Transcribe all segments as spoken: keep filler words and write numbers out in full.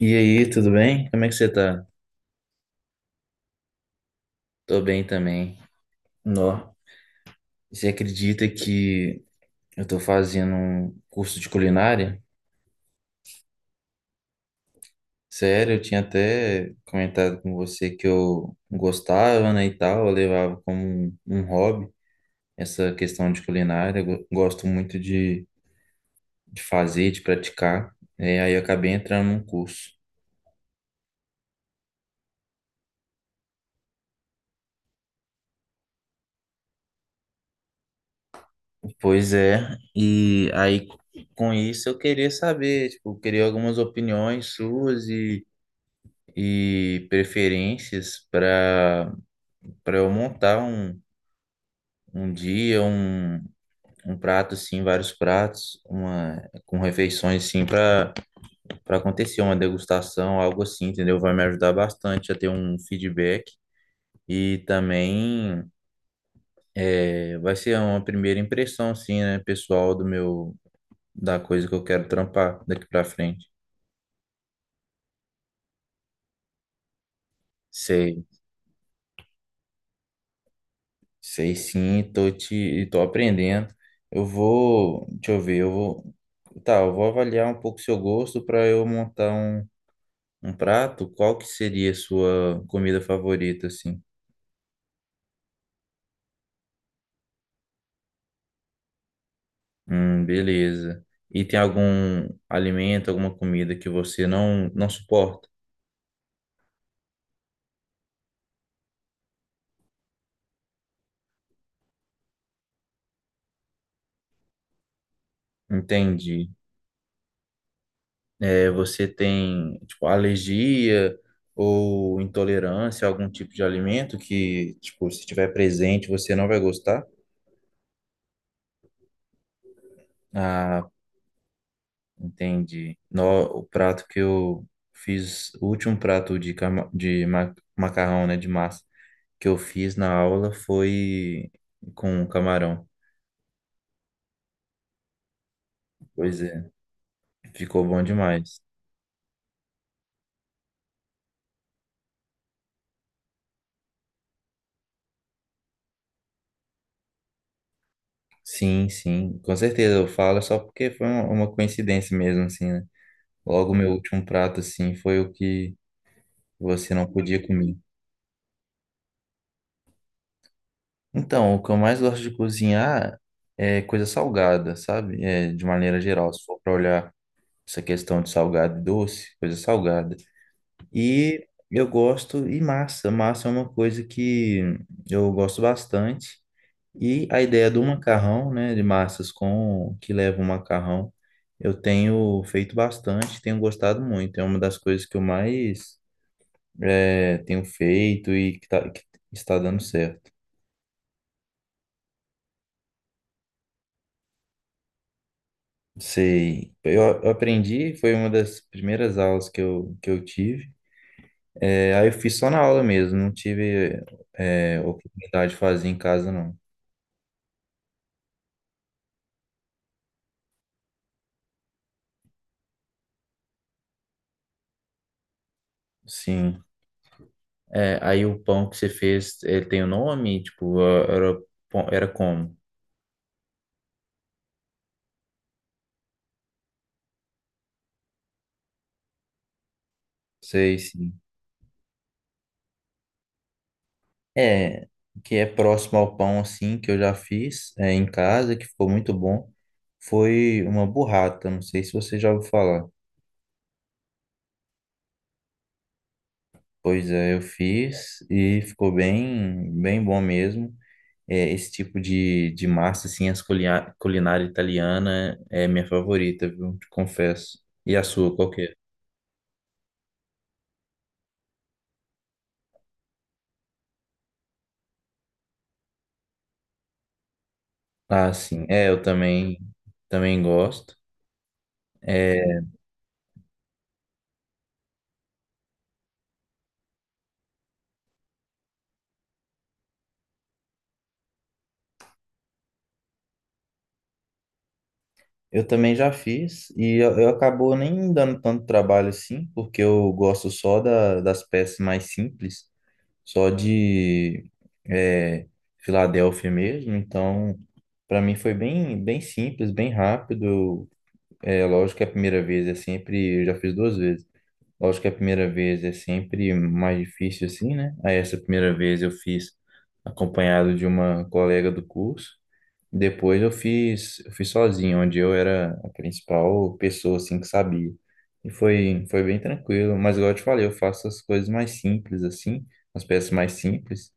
E aí, tudo bem? Como é que você tá? Tô bem também. Nó. Você acredita que eu tô fazendo um curso de culinária? Sério, eu tinha até comentado com você que eu gostava, né, e tal, eu levava como um, um hobby essa questão de culinária. Eu go- gosto muito de, de fazer, de praticar. É, aí eu acabei entrando num curso. Pois é, e aí com isso eu queria saber, tipo, eu queria algumas opiniões suas e preferências para para eu montar um, um dia, um, um prato assim, vários pratos, uma com refeições assim para para acontecer uma degustação, algo assim, entendeu? Vai me ajudar bastante a ter um feedback e também é, vai ser uma primeira impressão assim, né, pessoal do meu da coisa que eu quero trampar daqui para frente. Sei, sei sim, tô te tô aprendendo. Eu vou, deixa eu ver, eu vou Tá, eu vou avaliar um pouco seu gosto para eu montar um, um prato. Qual que seria a sua comida favorita, assim? Hum, beleza. E tem algum alimento, alguma comida que você não, não suporta? Entendi. É, você tem, tipo, alergia ou intolerância a algum tipo de alimento que, tipo, se estiver presente, você não vai gostar? Ah, entendi. No, O prato que eu fiz, o último prato de, cama- de ma- macarrão, né, de massa, que eu fiz na aula foi com camarão. Pois é, ficou bom demais. Sim, sim, com certeza. Eu falo só porque foi uma, uma coincidência mesmo, assim, né? Logo, meu último prato, assim, foi o que você não podia comer. Então, o que eu mais gosto de cozinhar é coisa salgada, sabe? É, de maneira geral, se for para olhar. Essa questão de salgado e doce, coisa salgada. E eu gosto, e massa. Massa é uma coisa que eu gosto bastante. E a ideia do macarrão, né, de massas com que leva o macarrão, eu tenho feito bastante, tenho gostado muito. É uma das coisas que eu mais eh, tenho feito e que, tá- que está dando certo. Sei, eu eu aprendi, foi uma das primeiras aulas que eu, que eu tive. É, aí eu fiz só na aula mesmo, não tive é, oportunidade de fazer em casa, não. Sim. É, aí o pão que você fez, ele tem o nome? Tipo, era, era como? Sei, sim. É, que é próximo ao pão, assim, que eu já fiz é, em casa, que ficou muito bom. Foi uma burrata, não sei se você já ouviu falar. Pois é, eu fiz e ficou bem, bem bom mesmo. É, esse tipo de, de massa, assim, as culinária, culinária italiana é minha favorita, viu? Te confesso. E a sua, qual que é? Ah, sim. É, eu também, também gosto. É, eu também já fiz e eu, eu acabou nem dando tanto trabalho assim, porque eu gosto só da, das peças mais simples, só de é, Filadélfia mesmo. Então, para mim foi bem, bem simples, bem rápido. É lógico que a primeira vez é sempre, eu já fiz duas vezes. Lógico que a primeira vez é sempre mais difícil assim, né? Aí essa primeira vez eu fiz acompanhado de uma colega do curso. Depois eu fiz, eu fiz sozinho, onde eu era a principal pessoa assim que sabia. E foi, foi bem tranquilo, mas igual eu te falei, eu faço as coisas mais simples assim, as peças mais simples,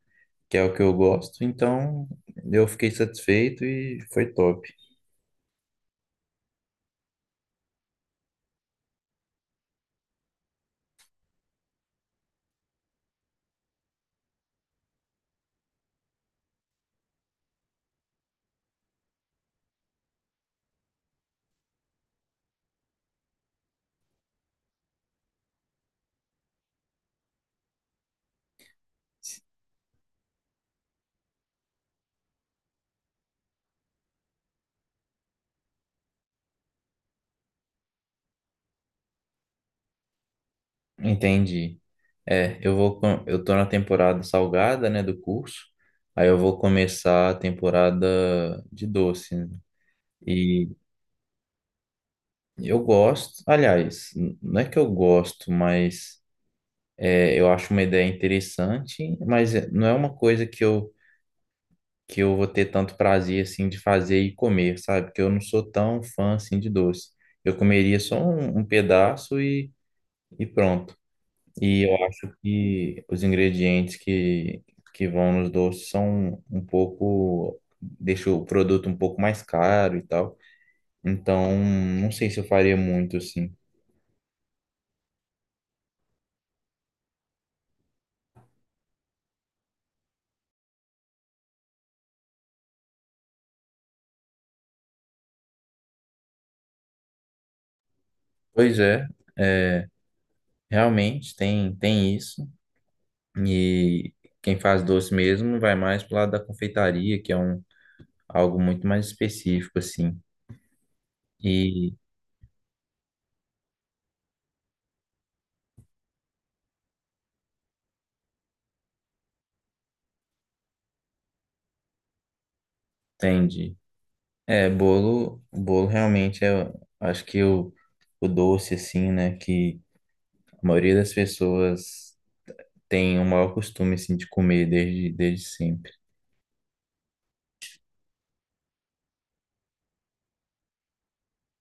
que é o que eu gosto. Então eu fiquei satisfeito e foi top. Entendi. É, eu vou, com- eu tô na temporada salgada, né, do curso. Aí eu vou começar a temporada de doce, né? E eu gosto, aliás, n- não é que eu gosto, mas é, eu acho uma ideia interessante, mas é- não é uma coisa que eu que eu vou ter tanto prazer assim de fazer e comer, sabe? Porque eu não sou tão fã assim de doce. Eu comeria só um, um pedaço e, e pronto. E eu acho que os ingredientes que, que vão nos doces são um pouco, deixa o produto um pouco mais caro e tal. Então, não sei se eu faria muito assim. Pois é, é, realmente tem, tem isso. E quem faz doce mesmo vai mais pro lado da confeitaria, que é um, algo muito mais específico, assim. E entende. É, bolo, bolo realmente é, acho que o, o doce, assim, né, que a maioria das pessoas tem o maior costume, assim, de comer desde, desde sempre.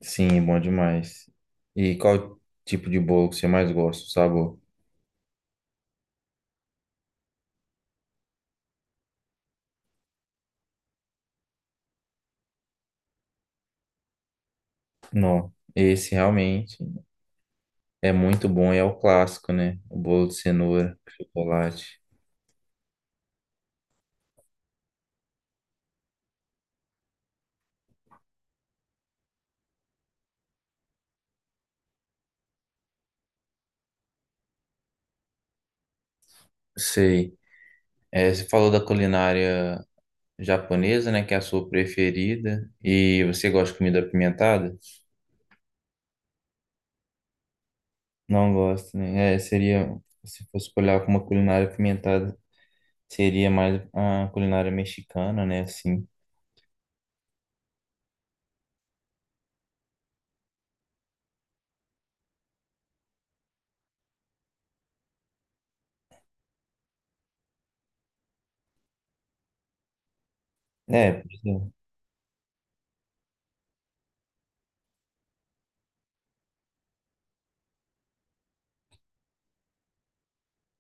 Sim, bom demais. E qual tipo de bolo que você mais gosta, o sabor? Não, esse realmente é muito bom e é o clássico, né? O bolo de cenoura, chocolate. Sei. É, você falou da culinária japonesa, né? Que é a sua preferida. E você gosta de comida apimentada? Não gosto, né? É, seria, se fosse olhar para uma culinária apimentada, seria mais a culinária mexicana, né? Assim. É, pois é.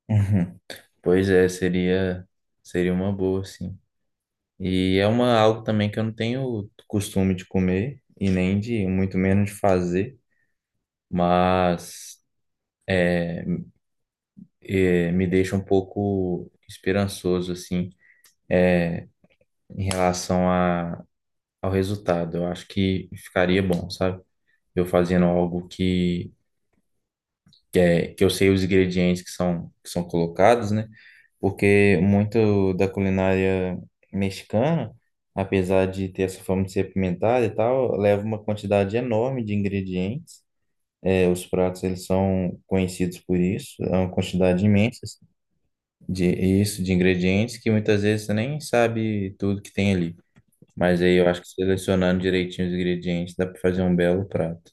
Uhum. Pois é, seria, seria uma boa, sim. E é uma, algo também que eu não tenho costume de comer e nem de, muito menos de fazer, mas eh, me deixa um pouco esperançoso, assim, em relação a, ao resultado. Eu acho que ficaria bom, sabe? Eu fazendo algo que, que, é, que eu sei os ingredientes que são, que são colocados, né? Porque muito da culinária mexicana, apesar de ter essa forma de ser apimentada e tal, leva uma quantidade enorme de ingredientes. É, os pratos eles são conhecidos por isso, é uma quantidade imensa assim, de isso, de ingredientes que muitas vezes você nem sabe tudo que tem ali. Mas aí eu acho que selecionando direitinho os ingredientes dá para fazer um belo prato.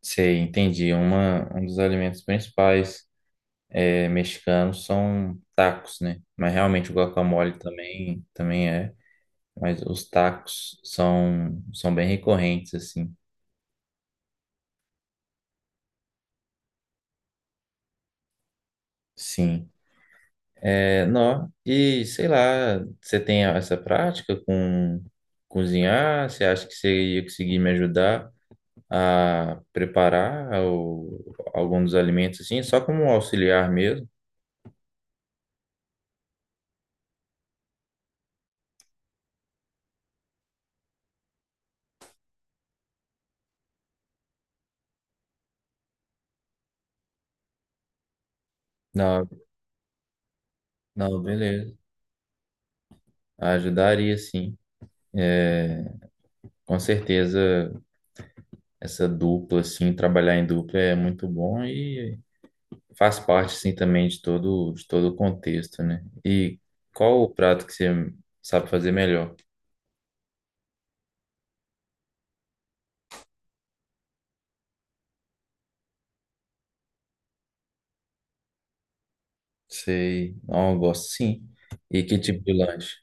Sei, entendi. É uma, um dos alimentos principais é, mexicanos são tacos, né? Mas realmente o guacamole também, também é. Mas os tacos são, são bem recorrentes, assim. Sim. É, não. E sei lá, você tem essa prática com cozinhar? Você acha que você ia conseguir me ajudar a preparar o, algum dos alimentos, assim? Só como um auxiliar mesmo? Não, não, beleza. Ajudaria, sim. É, com certeza. Essa dupla, assim, trabalhar em dupla é muito bom e faz parte, assim, também de todo, de todo o contexto, né? E qual o prato que você sabe fazer melhor? Sei, não, eu gosto sim. E que tipo de lanche?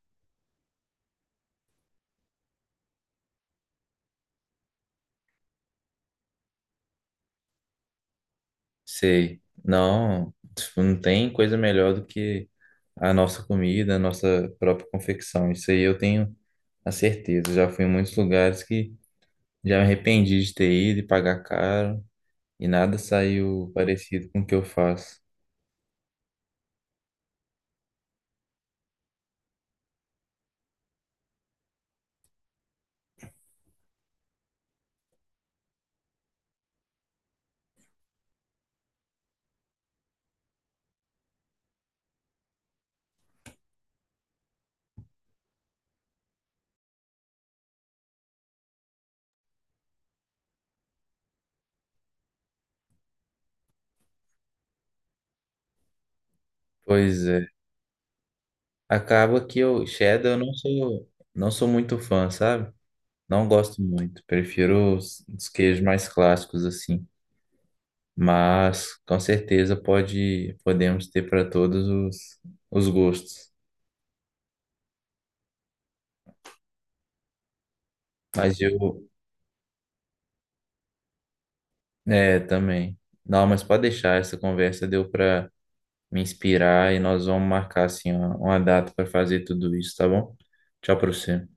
Sei, não, tipo, não tem coisa melhor do que a nossa comida, a nossa própria confecção. Isso aí eu tenho a certeza. Já fui em muitos lugares que já me arrependi de ter ido e pagar caro e nada saiu parecido com o que eu faço. Pois é. Acaba que eu, Shadow, eu não sou, não sou muito fã, sabe? Não gosto muito. Prefiro os, os queijos mais clássicos, assim. Mas, com certeza, pode, podemos ter para todos os, os gostos. Mas eu, é, também. Não, mas pode deixar, essa conversa deu para me inspirar e nós vamos marcar, assim, uma, uma data para fazer tudo isso, tá bom? Tchau para você.